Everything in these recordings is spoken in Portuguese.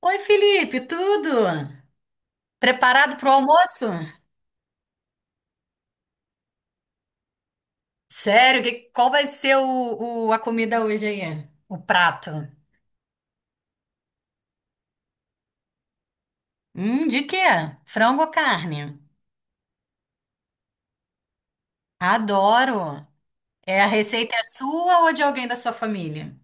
Oi, Felipe, tudo? Preparado para o almoço? Sério, qual vai ser a comida hoje aí? O prato? De quê? Frango ou carne? Adoro! É, a receita é sua ou de alguém da sua família?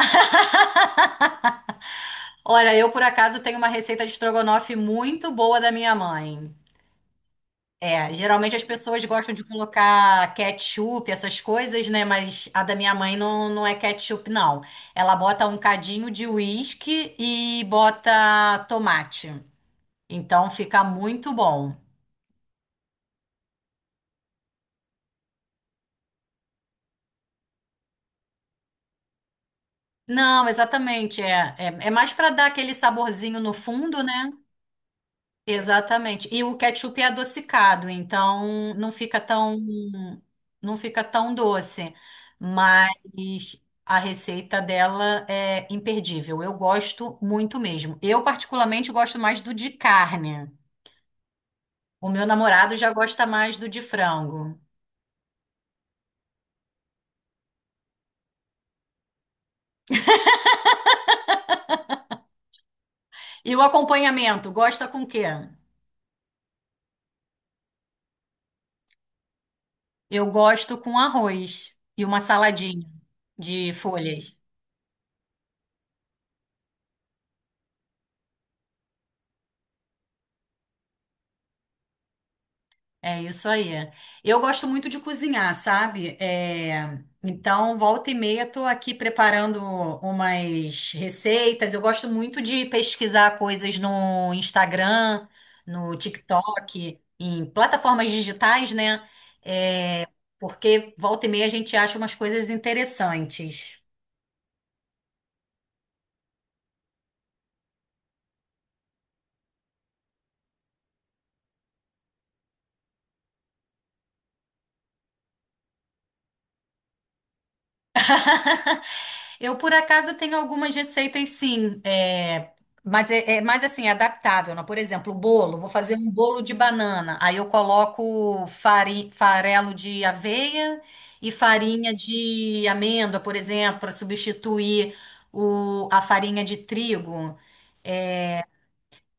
Olha, eu por acaso tenho uma receita de estrogonofe muito boa da minha mãe. É, geralmente as pessoas gostam de colocar ketchup, essas coisas, né? Mas a da minha mãe não, não é ketchup, não. Ela bota um cadinho de uísque e bota tomate. Então fica muito bom. Não, exatamente. É mais para dar aquele saborzinho no fundo, né? Exatamente. E o ketchup é adocicado, então não fica tão doce, mas a receita dela é imperdível. Eu gosto muito mesmo. Eu particularmente gosto mais do de carne. O meu namorado já gosta mais do de frango. E o acompanhamento, gosta com o quê? Eu gosto com arroz e uma saladinha de folhas. É isso aí. Eu gosto muito de cozinhar, sabe? É, então, volta e meia, tô aqui preparando umas receitas. Eu gosto muito de pesquisar coisas no Instagram, no TikTok, em plataformas digitais, né? É, porque volta e meia a gente acha umas coisas interessantes. Eu, por acaso, tenho algumas receitas, sim, é, mas é mais assim, adaptável, né? Por exemplo, bolo, vou fazer um bolo de banana, aí eu coloco farelo de aveia e farinha de amêndoa, por exemplo, para substituir a farinha de trigo.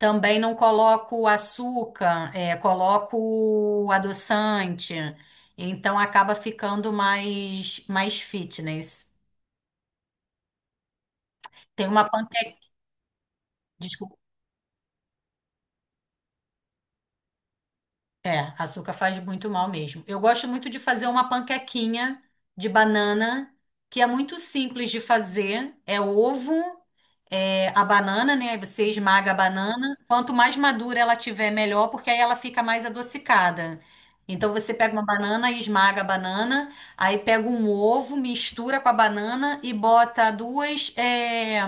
Também não coloco açúcar, é, coloco adoçante, então acaba ficando mais fitness. Tem uma panqueca. É, açúcar faz muito mal mesmo. Eu gosto muito de fazer uma panquequinha de banana, que é muito simples de fazer. É ovo, é a banana, né? Aí você esmaga a banana. Quanto mais madura ela tiver, melhor, porque aí ela fica mais adocicada. Então você pega uma banana e esmaga a banana, aí pega um ovo, mistura com a banana e bota duas. É,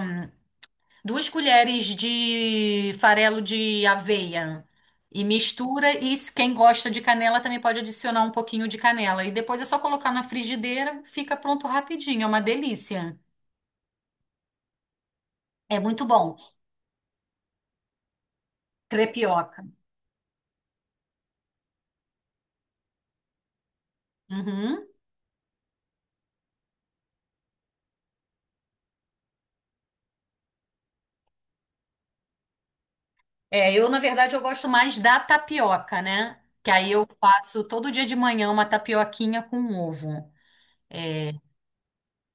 duas colheres de farelo de aveia e mistura. E se quem gosta de canela também pode adicionar um pouquinho de canela. E depois é só colocar na frigideira, fica pronto rapidinho. É uma delícia. É muito bom. Crepioca. Uhum. É, eu, na verdade, eu gosto mais da tapioca, né? Que aí eu faço todo dia de manhã uma tapioquinha com ovo.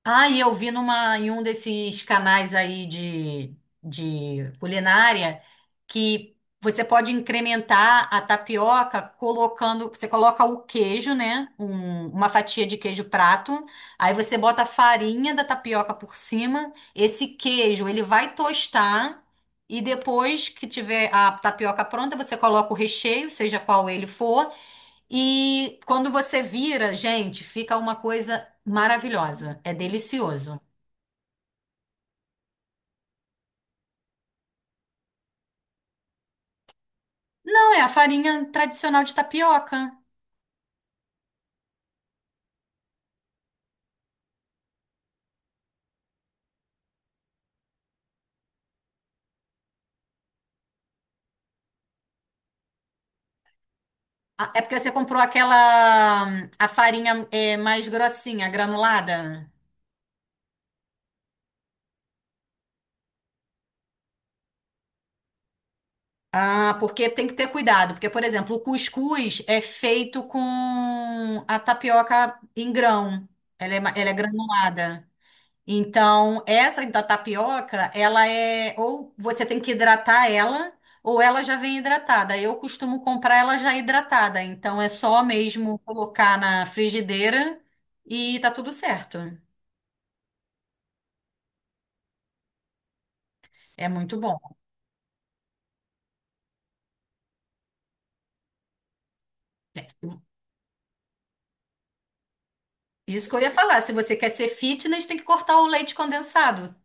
Ah, e eu vi em um desses canais aí de culinária que você pode incrementar a tapioca colocando, você coloca o queijo, né? Uma fatia de queijo prato, aí você bota a farinha da tapioca por cima, esse queijo ele vai tostar e depois que tiver a tapioca pronta, você coloca o recheio, seja qual ele for, e quando você vira, gente, fica uma coisa maravilhosa. É delicioso. Não, é a farinha tradicional de tapioca. Ah, é porque você comprou aquela, a farinha é, mais grossinha, granulada. Ah, porque tem que ter cuidado. Porque, por exemplo, o cuscuz é feito com a tapioca em grão. Ela é granulada. Então, essa da tapioca, ela é ou você tem que hidratar ela, ou ela já vem hidratada. Eu costumo comprar ela já hidratada, então é só mesmo colocar na frigideira e tá tudo certo. É muito bom. É, isso que eu ia falar, se você quer ser fitness, tem que cortar o leite condensado.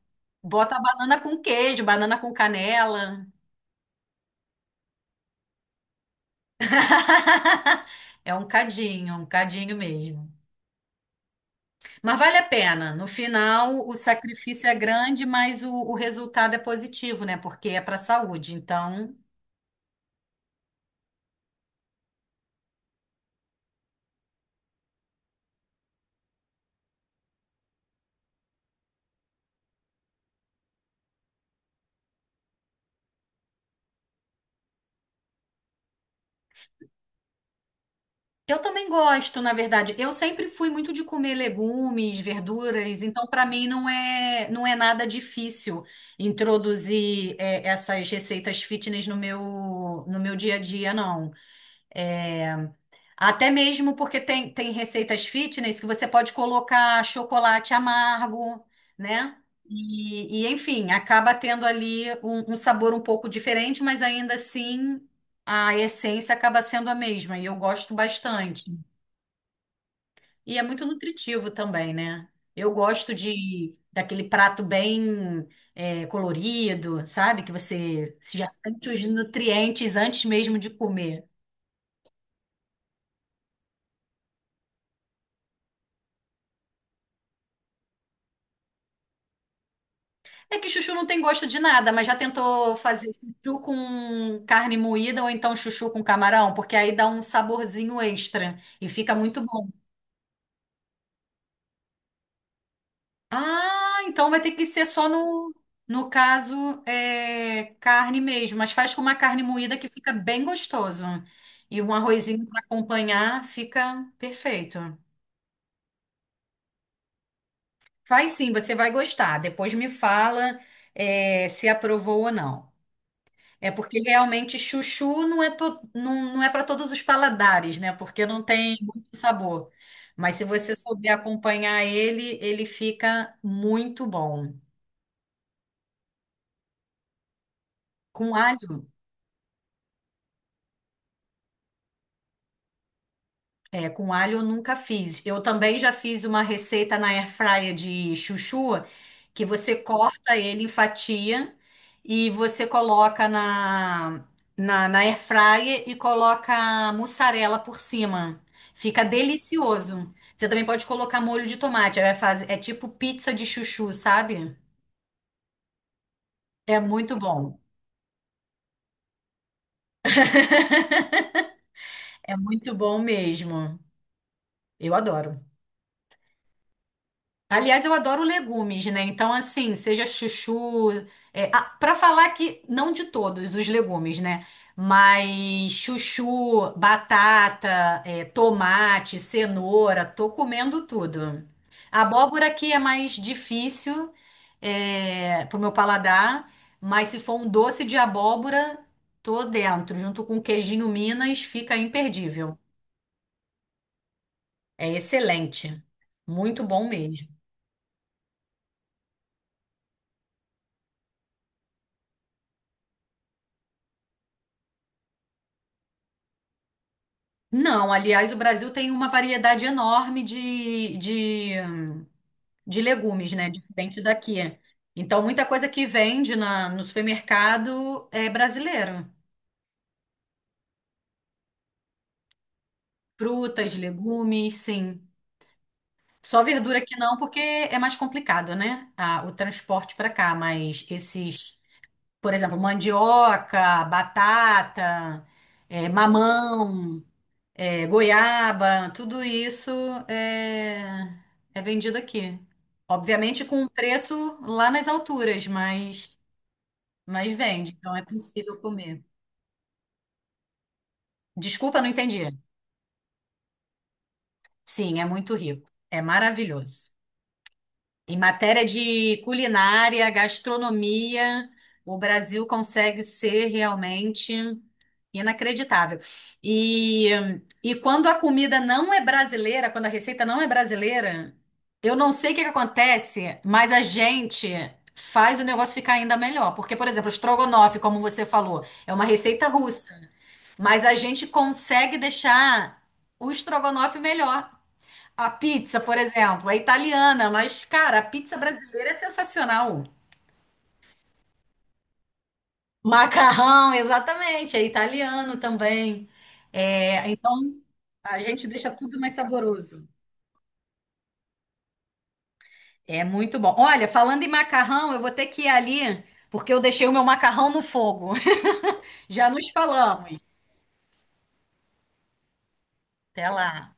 Bota a banana com queijo, banana com canela. É um cadinho mesmo. Mas vale a pena. No final, o sacrifício é grande, mas o resultado é positivo, né? Porque é para a saúde. Então, eu também gosto, na verdade. Eu sempre fui muito de comer legumes, verduras, então para mim não é nada difícil introduzir essas receitas fitness no meu dia a dia, não. É, até mesmo porque tem receitas fitness que você pode colocar chocolate amargo, né? E, enfim, acaba tendo ali um sabor um pouco diferente, mas ainda assim a essência acaba sendo a mesma. E eu gosto bastante. E é muito nutritivo também, né? Eu gosto de daquele prato bem colorido, sabe? Que você já sente os nutrientes antes mesmo de comer. É que chuchu não tem gosto de nada, mas já tentou fazer chuchu com carne moída ou então chuchu com camarão? Porque aí dá um saborzinho extra e fica muito bom. Ah, então vai ter que ser só no caso, carne mesmo, mas faz com uma carne moída que fica bem gostoso. E um arrozinho para acompanhar fica perfeito. Faz sim, você vai gostar. Depois me fala, se aprovou ou não. É porque realmente chuchu não, não é para todos os paladares, né? Porque não tem muito sabor. Mas se você souber acompanhar ele, ele fica muito bom. Com alho. É, com alho eu nunca fiz. Eu também já fiz uma receita na airfryer de chuchu, que você corta ele em fatia e você coloca na airfryer e coloca mussarela por cima. Fica delicioso. Você também pode colocar molho de tomate. É, faz, é tipo pizza de chuchu, sabe? É muito bom. É muito bom mesmo. Eu adoro. Aliás, eu adoro legumes, né? Então, assim, seja chuchu. É, para falar que não de todos os legumes, né? Mas chuchu, batata, é, tomate, cenoura, tô comendo tudo. A abóbora aqui é mais difícil, é, pro meu paladar, mas se for um doce de abóbora, tô dentro. Junto com queijinho Minas, fica imperdível. É excelente. Muito bom mesmo. Não, aliás, o Brasil tem uma variedade enorme de legumes, né? Diferente daqui. Então, muita coisa que vende no supermercado é brasileiro. Frutas, legumes, sim. Só verdura que não, porque é mais complicado, né? Ah, o transporte para cá, mas esses, por exemplo, mandioca, batata, mamão, é, goiaba, tudo isso é, é vendido aqui. Obviamente com um preço lá nas alturas, mas, vende, então é possível comer. Desculpa, não entendi. Sim, é muito rico. É maravilhoso. Em matéria de culinária, gastronomia, o Brasil consegue ser realmente inacreditável. E, e quando a comida não é brasileira, quando a receita não é brasileira, eu não sei o que que acontece, mas a gente faz o negócio ficar ainda melhor. Porque, por exemplo, o estrogonofe, como você falou, é uma receita russa, mas a gente consegue deixar o estrogonofe melhor. A pizza, por exemplo, é italiana, mas, cara, a pizza brasileira é sensacional. Macarrão, exatamente, é italiano também. É, então, a gente deixa tudo mais saboroso. É muito bom. Olha, falando em macarrão, eu vou ter que ir ali, porque eu deixei o meu macarrão no fogo. Já nos falamos. Até lá.